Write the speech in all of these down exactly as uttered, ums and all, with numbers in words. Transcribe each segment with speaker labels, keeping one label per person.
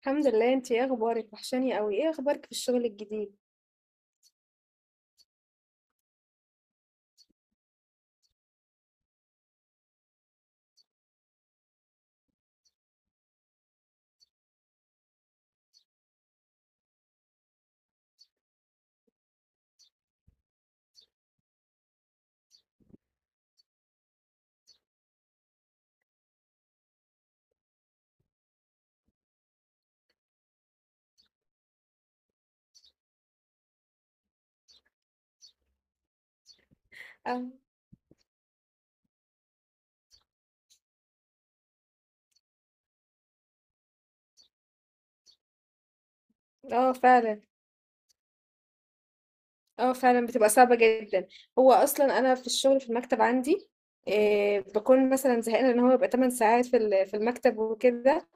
Speaker 1: الحمد لله، انتي ايه اخبارك؟ وحشاني قوي، ايه اخبارك في الشغل الجديد؟ اه. اه فعلا. اه فعلا، بتبقى صعبة جدا. هو اصلا انا في الشغل في المكتب عندي إيه، بكون مثلا زهقانة لان هو بيبقى 8 ساعات في ال- في المكتب وكده.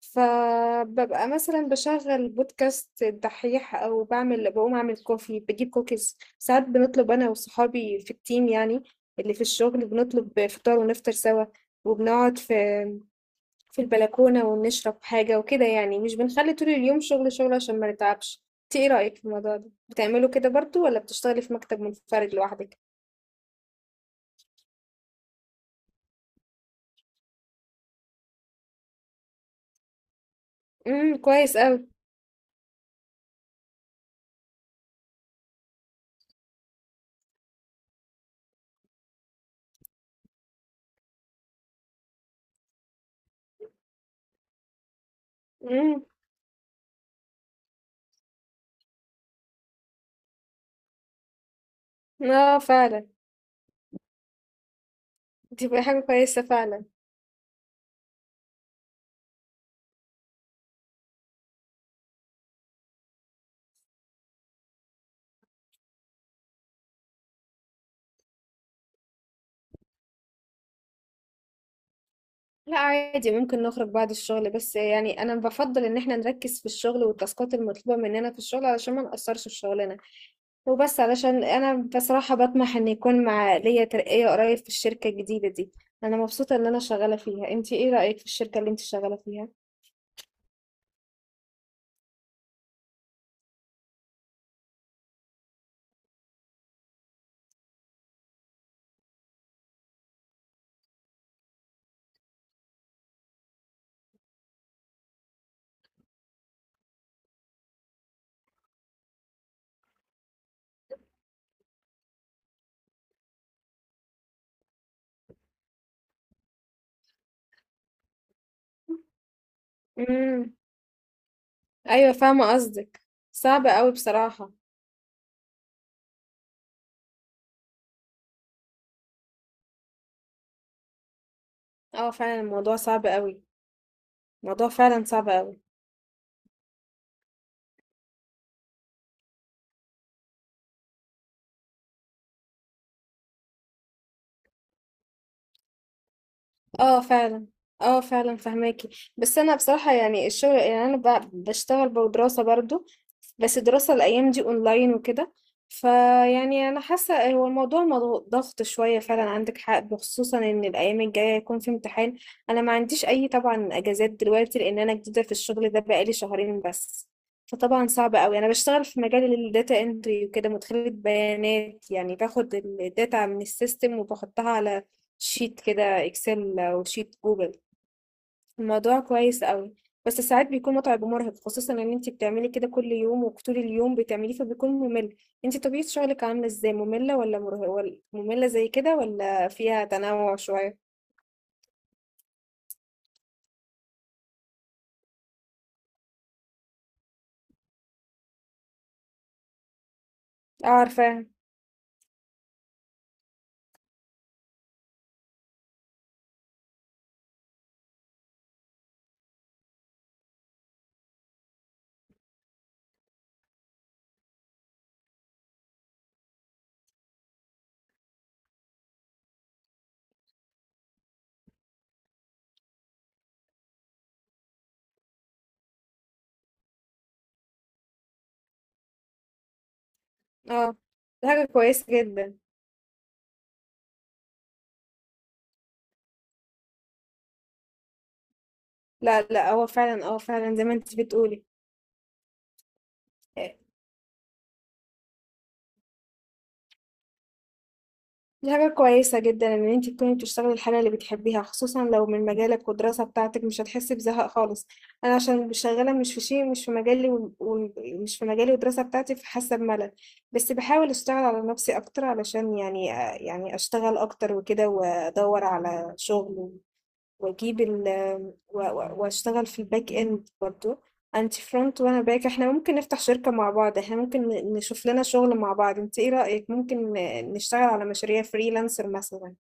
Speaker 1: فببقى مثلا بشغل بودكاست الدحيح او بعمل، بقوم اعمل كوفي، بجيب كوكيز، ساعات بنطلب انا وصحابي في التيم يعني اللي في الشغل، بنطلب فطار ونفطر سوا، وبنقعد في في البلكونة ونشرب حاجة وكده، يعني مش بنخلي طول اليوم شغل شغل عشان ما نتعبش. انت ايه رأيك في الموضوع ده؟ بتعملوا كده برضو ولا بتشتغلي في مكتب منفرد لوحدك؟ امم كويس قوي. امم. اه فعلا. تبقى حاجة كويسة فعلا. لا عادي، ممكن نخرج بعد الشغل، بس يعني انا بفضل ان احنا نركز في الشغل والتاسكات المطلوبة مننا في الشغل علشان ما نقصرش في شغلنا وبس، علشان انا بصراحة بطمح ان يكون مع ليا ترقية قريب في الشركة الجديدة دي. انا مبسوطة ان انا شغالة فيها، انتي ايه رأيك في الشركة اللي انتي شغالة فيها؟ امم. ايوه فاهمة قصدك. صعب قوي بصراحة. اه فعلا، الموضوع صعب قوي. الموضوع فعلا صعب قوي. اه فعلا. اه فعلا فهماكي. بس انا بصراحة، يعني الشغل، يعني انا ب- بشتغل بدراسة برضو. بس الدراسة الايام دي اونلاين وكده. فيعني انا حاسة هو الموضوع مضغ- ضغط شوية فعلا، عندك حق، بخصوصا ان الايام الجاية هيكون في امتحان. انا ما عنديش اي طبعا اجازات دلوقتي لان انا جديدة في الشغل ده، بقالي شهرين بس. فطبعا صعب قوي، انا بشتغل في مجال الداتا انتري وكده، مدخلة بيانات يعني، باخد الداتا من السيستم وبحطها على شيت كده اكسل او شيت جوجل. الموضوع كويس قوي. بس ساعات بيكون متعب ومرهق خصوصا ان انت بتعملي كده كل يوم وطول اليوم بتعمليه فبيكون ممل. انت طبيعة شغلك عاملة ازاي؟ مملة ولا مره... ولا مملة زي كده، ولا فيها تنوع شوية؟ اه عارفاها. اه دي حاجة كويسة جدا. لا لا، هو فعلا، اه فعلا زي ما انت بتقولي. دي حاجة كويسة جدا إن أنت تكوني بتشتغلي الحاجة اللي بتحبيها، خصوصا لو من مجالك والدراسة بتاعتك مش هتحسي بزهق خالص. أنا عشان مش شغالة، مش في شيء، مش في مجالي و- و- مش في مجالي والدراسة بتاعتي، فحاسة بملل. بس بحاول أشتغل على نفسي أكتر علشان يعني، يعني أشتغل أكتر وكده وأدور على شغل واجيب ال و- و- واشتغل في الباك اند برضو. انت فرونت وانا باك، احنا ممكن نفتح شركة مع بعض، احنا ممكن ن- نشوف لنا شغل مع بعض. انت ايه رأيك؟ ممكن ن- نشتغل على مشاريع فريلانسر مثلا؟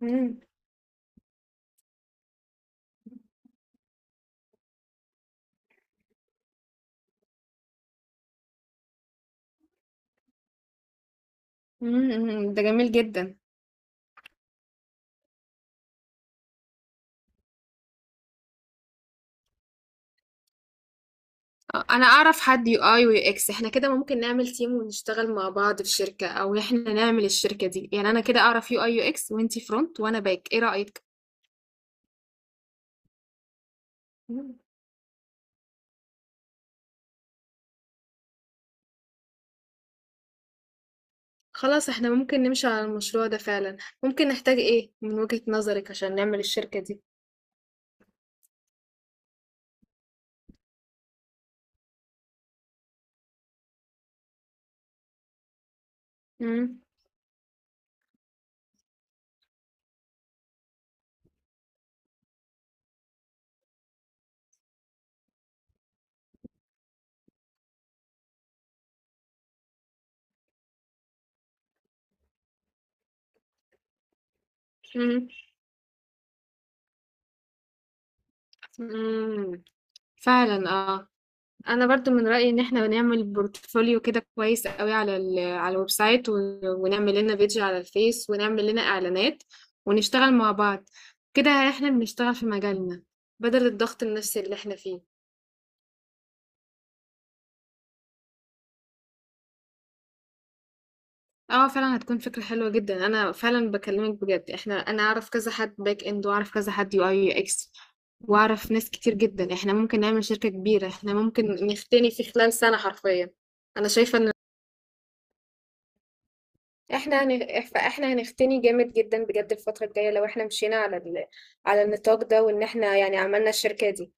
Speaker 1: مم. مم. ده جميل جدا. آه، انا اعرف حد يو اي ويو اكس، احنا كده ممكن نعمل تيم ونشتغل مع بعض في شركة او احنا نعمل الشركة دي يعني، انا كده اعرف يو اي يو اكس وانتي فرونت وانا باك، ايه رأيك؟ خلاص، احنا ممكن نمشي على المشروع ده فعلا. ممكن نحتاج ايه من وجهة نظرك عشان نعمل الشركة دي؟ مم. مم. مم. فعلا اه. انا برضو من رأيي ان احنا نعمل بورتفوليو كده كويس قوي على ال على الويب سايت، و- ونعمل لنا بيج على الفيس ونعمل لنا اعلانات ونشتغل مع بعض. كده احنا بنشتغل في مجالنا، بدل الضغط النفسي اللي احنا فيه. اه فعلا هتكون فكرة حلوة جدا، انا فعلا بكلمك بجد. احنا، انا اعرف كذا حد باك اند واعرف كذا حد يو اي يو اكس واعرف ناس كتير جدا. احنا ممكن نعمل شركة كبيرة، احنا ممكن نختني في خلال سنة حرفيا. انا شايفة ان احنا هن... فاحنا هنختني جامد جدا بجد الفترة الجاية لو احنا مشينا على ال... على النطاق ده، وان احنا يعني عملنا الشركة دي.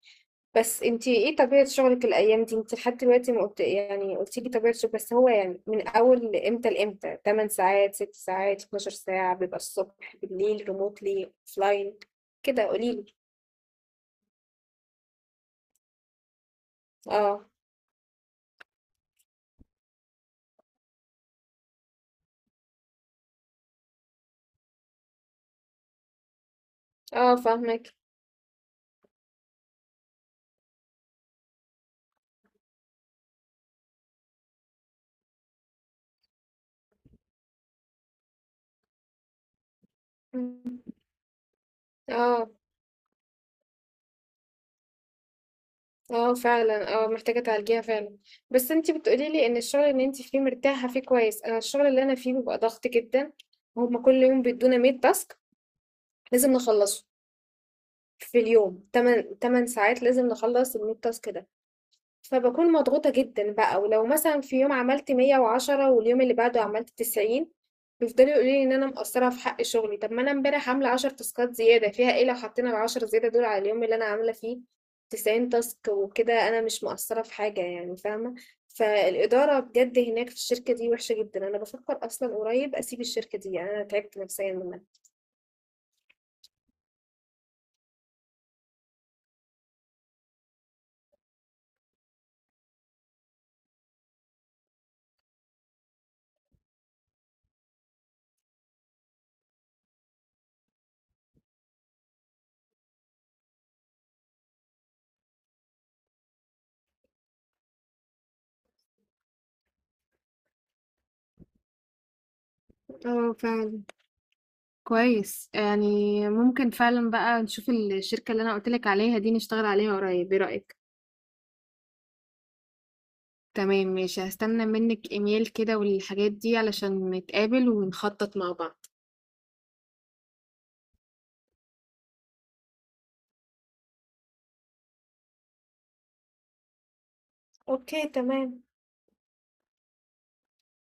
Speaker 1: بس انتي ايه طبيعة شغلك الأيام دي؟ انتي لحد دلوقتي ما قلت، يعني قلتي لي طبيعة شغلك بس هو يعني من أول امتى لامتى؟ 8 ساعات؟ 6 ساعات؟ 12 ساعة؟ بيبقى الصبح بالليل، ريموتلي اوفلاين، كده قوليلي. اه. اه فاهمك. مم. اه. اه فعلا، اه محتاجة تعالجيها فعلا. بس انتي بتقولي لي ان الشغل اللي انتي فيه مرتاحة فيه كويس، انا الشغل اللي انا فيه بيبقى ضغط جدا. هما كل يوم بيدونا 100 تاسك لازم نخلصه. في اليوم 8 8 ساعات لازم نخلص ال 100 تاسك. فبكون مضغوطة جدًا بقى، ولو مثلًا في يوم عملت مية وعشرة واليوم اللي بعده عملت تسعين، بيفضلوا يقولوا لي إن أنا مقصّرة في حق شغلي. طب ما أنا امبارح عاملة 10 تاسكات زيادة، فيها إيه لو حطينا العشرة زيادة دول على اليوم اللي أنا عاملة فيه 90 تاسك وكده أنا مش مقصّرة في حاجة يعني، فاهمة؟ فالإدارة بجد هناك في الشركة دي وحشة جدًا، أنا بافكر أصلًا قريب أسيب الشركة دي، يعني أنا تعبت نفسيًا منها. آه فعلًا، كويس، يعني ممكن فعلًا بقى نشوف الشركة اللي أنا قُلت لك عليها دي، نشتغل عليها قريب. إيه رأيِك؟ تمام ماشي، هستنى منك ايميل كده والحاجات دي علشان نتقابل ونخطط مع بعض. اوكي تمام.